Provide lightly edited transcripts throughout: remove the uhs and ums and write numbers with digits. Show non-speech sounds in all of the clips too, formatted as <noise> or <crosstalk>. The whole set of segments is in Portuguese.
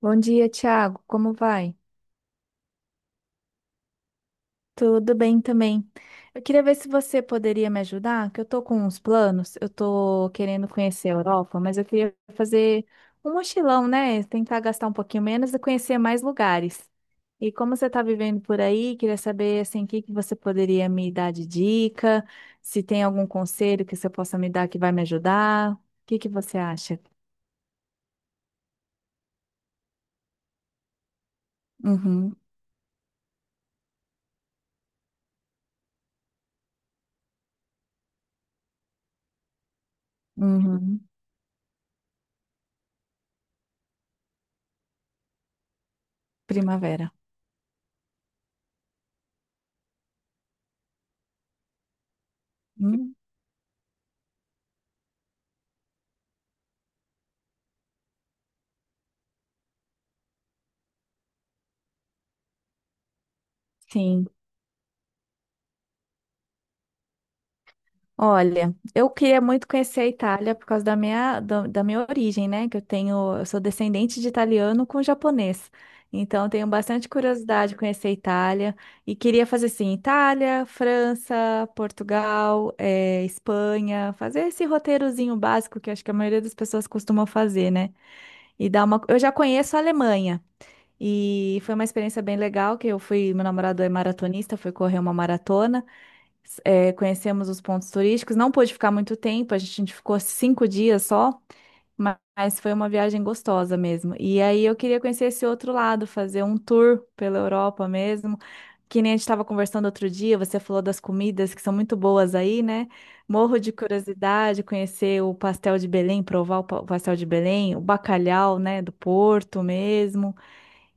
Bom dia, Thiago. Como vai? Tudo bem também. Eu queria ver se você poderia me ajudar, que eu tô com uns planos. Eu tô querendo conhecer a Europa, mas eu queria fazer um mochilão, né? Tentar gastar um pouquinho menos e conhecer mais lugares. E como você tá vivendo por aí, queria saber assim, o que que você poderia me dar de dica, se tem algum conselho que você possa me dar que vai me ajudar. O que que você acha? Uhum, uhum. Primavera. Hum, sim. Olha, eu queria muito conhecer a Itália por causa da minha, da minha origem, né? Que eu tenho, eu sou descendente de italiano com japonês. Então, eu tenho bastante curiosidade de conhecer a Itália e queria fazer assim, Itália, França, Portugal, Espanha, fazer esse roteirozinho básico que eu acho que a maioria das pessoas costumam fazer, né? Eu já conheço a Alemanha. E foi uma experiência bem legal que eu fui, meu namorado é maratonista, foi correr uma maratona, conhecemos os pontos turísticos. Não pôde ficar muito tempo, a gente ficou 5 dias só, mas foi uma viagem gostosa mesmo. E aí eu queria conhecer esse outro lado, fazer um tour pela Europa mesmo. Que nem a gente estava conversando outro dia, você falou das comidas que são muito boas aí, né? Morro de curiosidade, conhecer o pastel de Belém, provar o pastel de Belém, o bacalhau, né, do Porto mesmo.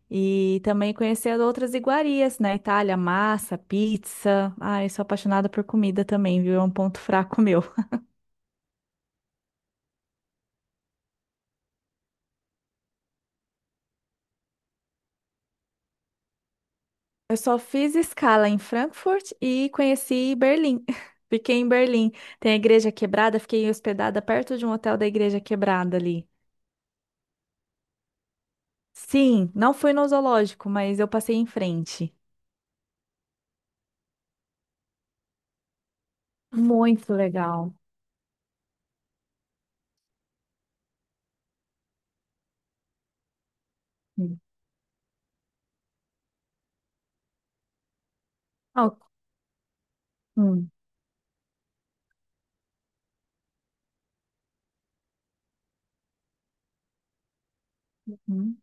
E também conhecer outras iguarias na Itália, massa, pizza. Ai, sou apaixonada por comida também, viu? É um ponto fraco <laughs> meu. Eu só fiz escala em Frankfurt e conheci Berlim. <laughs> Fiquei em Berlim. Tem a Igreja Quebrada, fiquei hospedada perto de um hotel da Igreja Quebrada ali. Sim, não fui no zoológico, mas eu passei em frente. Muito legal. Hum. Ah, hum. Uhum.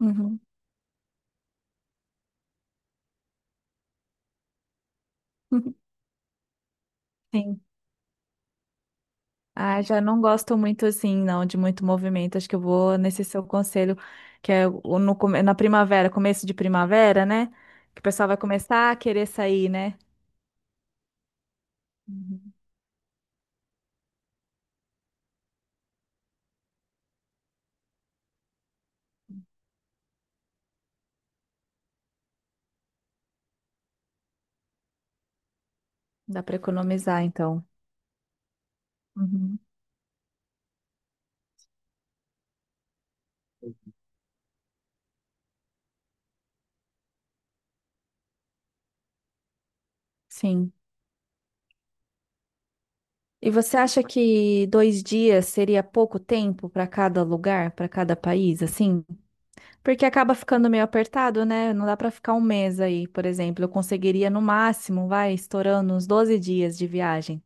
Uhum. <laughs> Sim. Ah, já não gosto muito assim, não, de muito movimento. Acho que eu vou nesse seu conselho, que é o- no, come- na primavera, começo de primavera, né? Que o pessoal vai começar a querer sair, né? Uhum. Dá para economizar, então. Uhum. Sim. E você acha que 2 dias seria pouco tempo para cada lugar, para cada país, assim? Porque acaba ficando meio apertado, né? Não dá para ficar um mês aí, por exemplo. Eu conseguiria no máximo, vai, estourando uns 12 dias de viagem.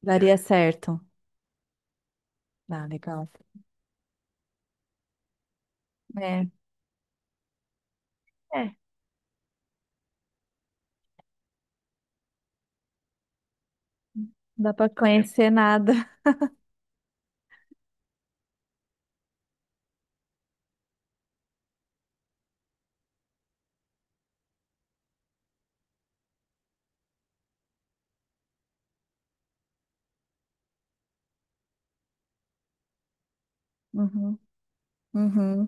Daria certo. Ah, legal. É, é, não dá pra conhecer nada. Uhum, uhum.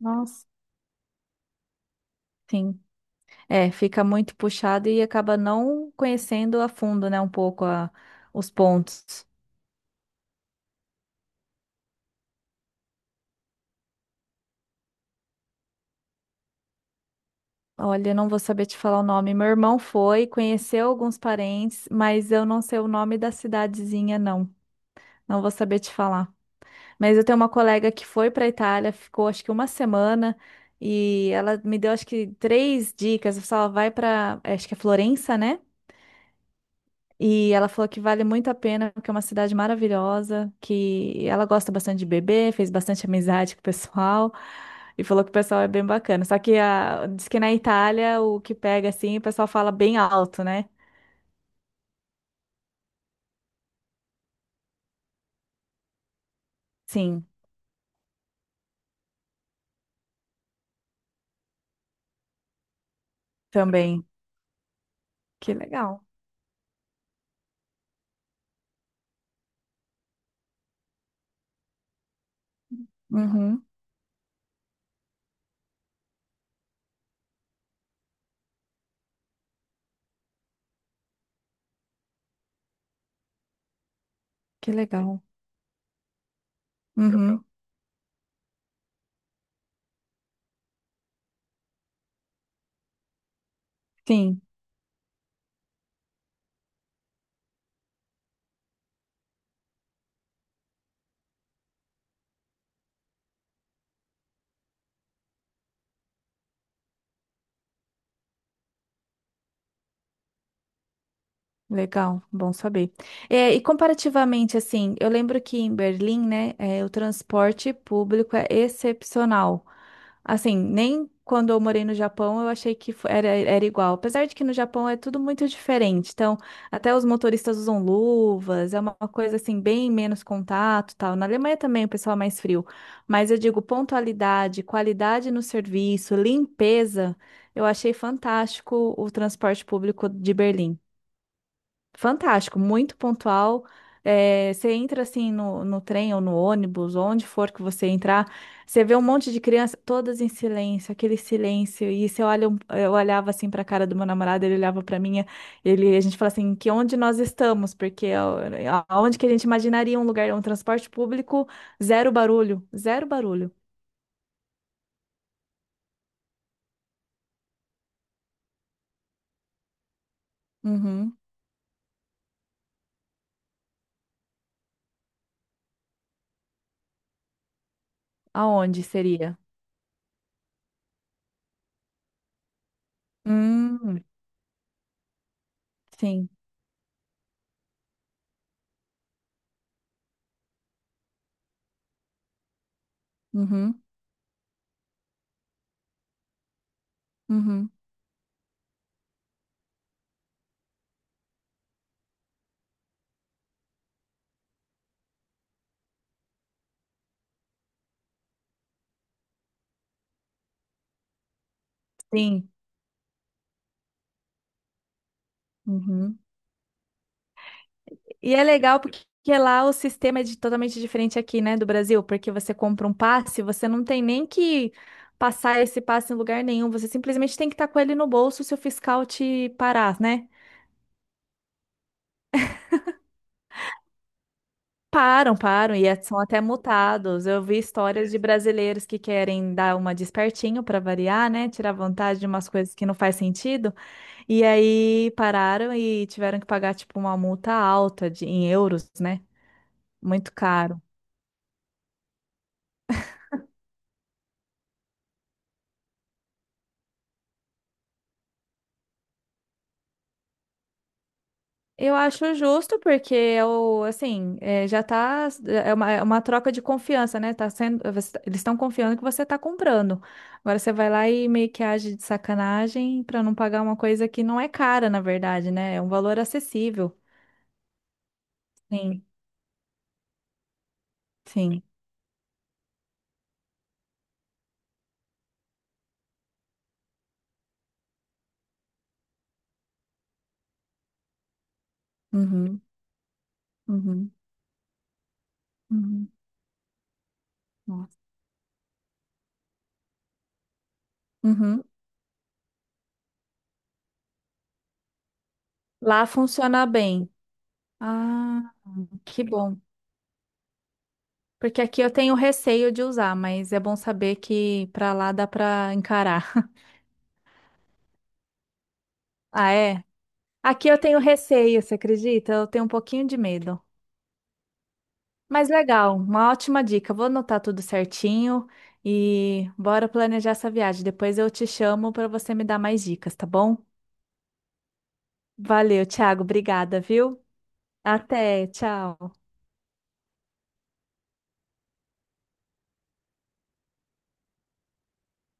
Nossa. Sim. É, fica muito puxado e acaba não conhecendo a fundo, né, um pouco os pontos. Olha, eu não vou saber te falar o nome. Meu irmão foi, conheceu alguns parentes, mas eu não sei o nome da cidadezinha, não. Não vou saber te falar. Mas eu tenho uma colega que foi para Itália, ficou acho que uma semana e ela me deu acho que três dicas. Eu falava, vai para, acho que é Florença, né? E ela falou que vale muito a pena, porque é uma cidade maravilhosa, que ela gosta bastante de beber, fez bastante amizade com o pessoal, e falou que o pessoal é bem bacana. Só que a, diz que na Itália o que pega assim, o pessoal fala bem alto, né? Sim, também. Que legal. Uhum, que legal. Uhum, sim. Legal, bom saber. É, e comparativamente, assim, eu lembro que em Berlim, né, é, o transporte público é excepcional. Assim, nem quando eu morei no Japão eu achei que era igual. Apesar de que no Japão é tudo muito diferente. Então, até os motoristas usam luvas, é uma coisa assim, bem menos contato, tal. Na Alemanha também o pessoal é mais frio. Mas eu digo pontualidade, qualidade no serviço, limpeza, eu achei fantástico o transporte público de Berlim. Fantástico, muito pontual. É, você entra assim no, no trem ou no ônibus, onde for que você entrar, você vê um monte de criança, todas em silêncio, aquele silêncio. E você olha, eu olhava assim para a cara do meu namorado, ele olhava para minha, ele, a gente fala assim, que onde nós estamos? Porque aonde que a gente imaginaria um lugar, um transporte público, zero barulho, zero barulho. Uhum. Aonde seria? Hum, sim. Uhum, uhum, sim. Uhum. E é legal porque lá o sistema é totalmente diferente aqui, né, do Brasil, porque você compra um passe, você não tem nem que passar esse passe em lugar nenhum, você simplesmente tem que estar com ele no bolso se o fiscal te parar, né? Param, param, e são até multados. Eu vi histórias de brasileiros que querem dar uma despertinho para variar, né? Tirar vantagem de umas coisas que não faz sentido. E aí pararam e tiveram que pagar, tipo, uma multa alta de, em euros, né? Muito caro. Eu acho justo, porque eu, assim, já tá, é uma troca de confiança, né? Tá sendo, tá, eles estão confiando que você tá comprando. Agora você vai lá e meio que age de sacanagem para não pagar uma coisa que não é cara, na verdade, né? É um valor acessível. Sim, sim. Uhum, uhum, uhum. Nossa. Uhum. Lá funciona bem. Ah, que bom. Porque aqui eu tenho receio de usar, mas é bom saber que para lá dá para encarar. Ah, é? Aqui eu tenho receio, você acredita? Eu tenho um pouquinho de medo. Mas legal, uma ótima dica. Vou anotar tudo certinho e bora planejar essa viagem. Depois eu te chamo para você me dar mais dicas, tá bom? Valeu, Thiago. Obrigada, viu? Até, tchau.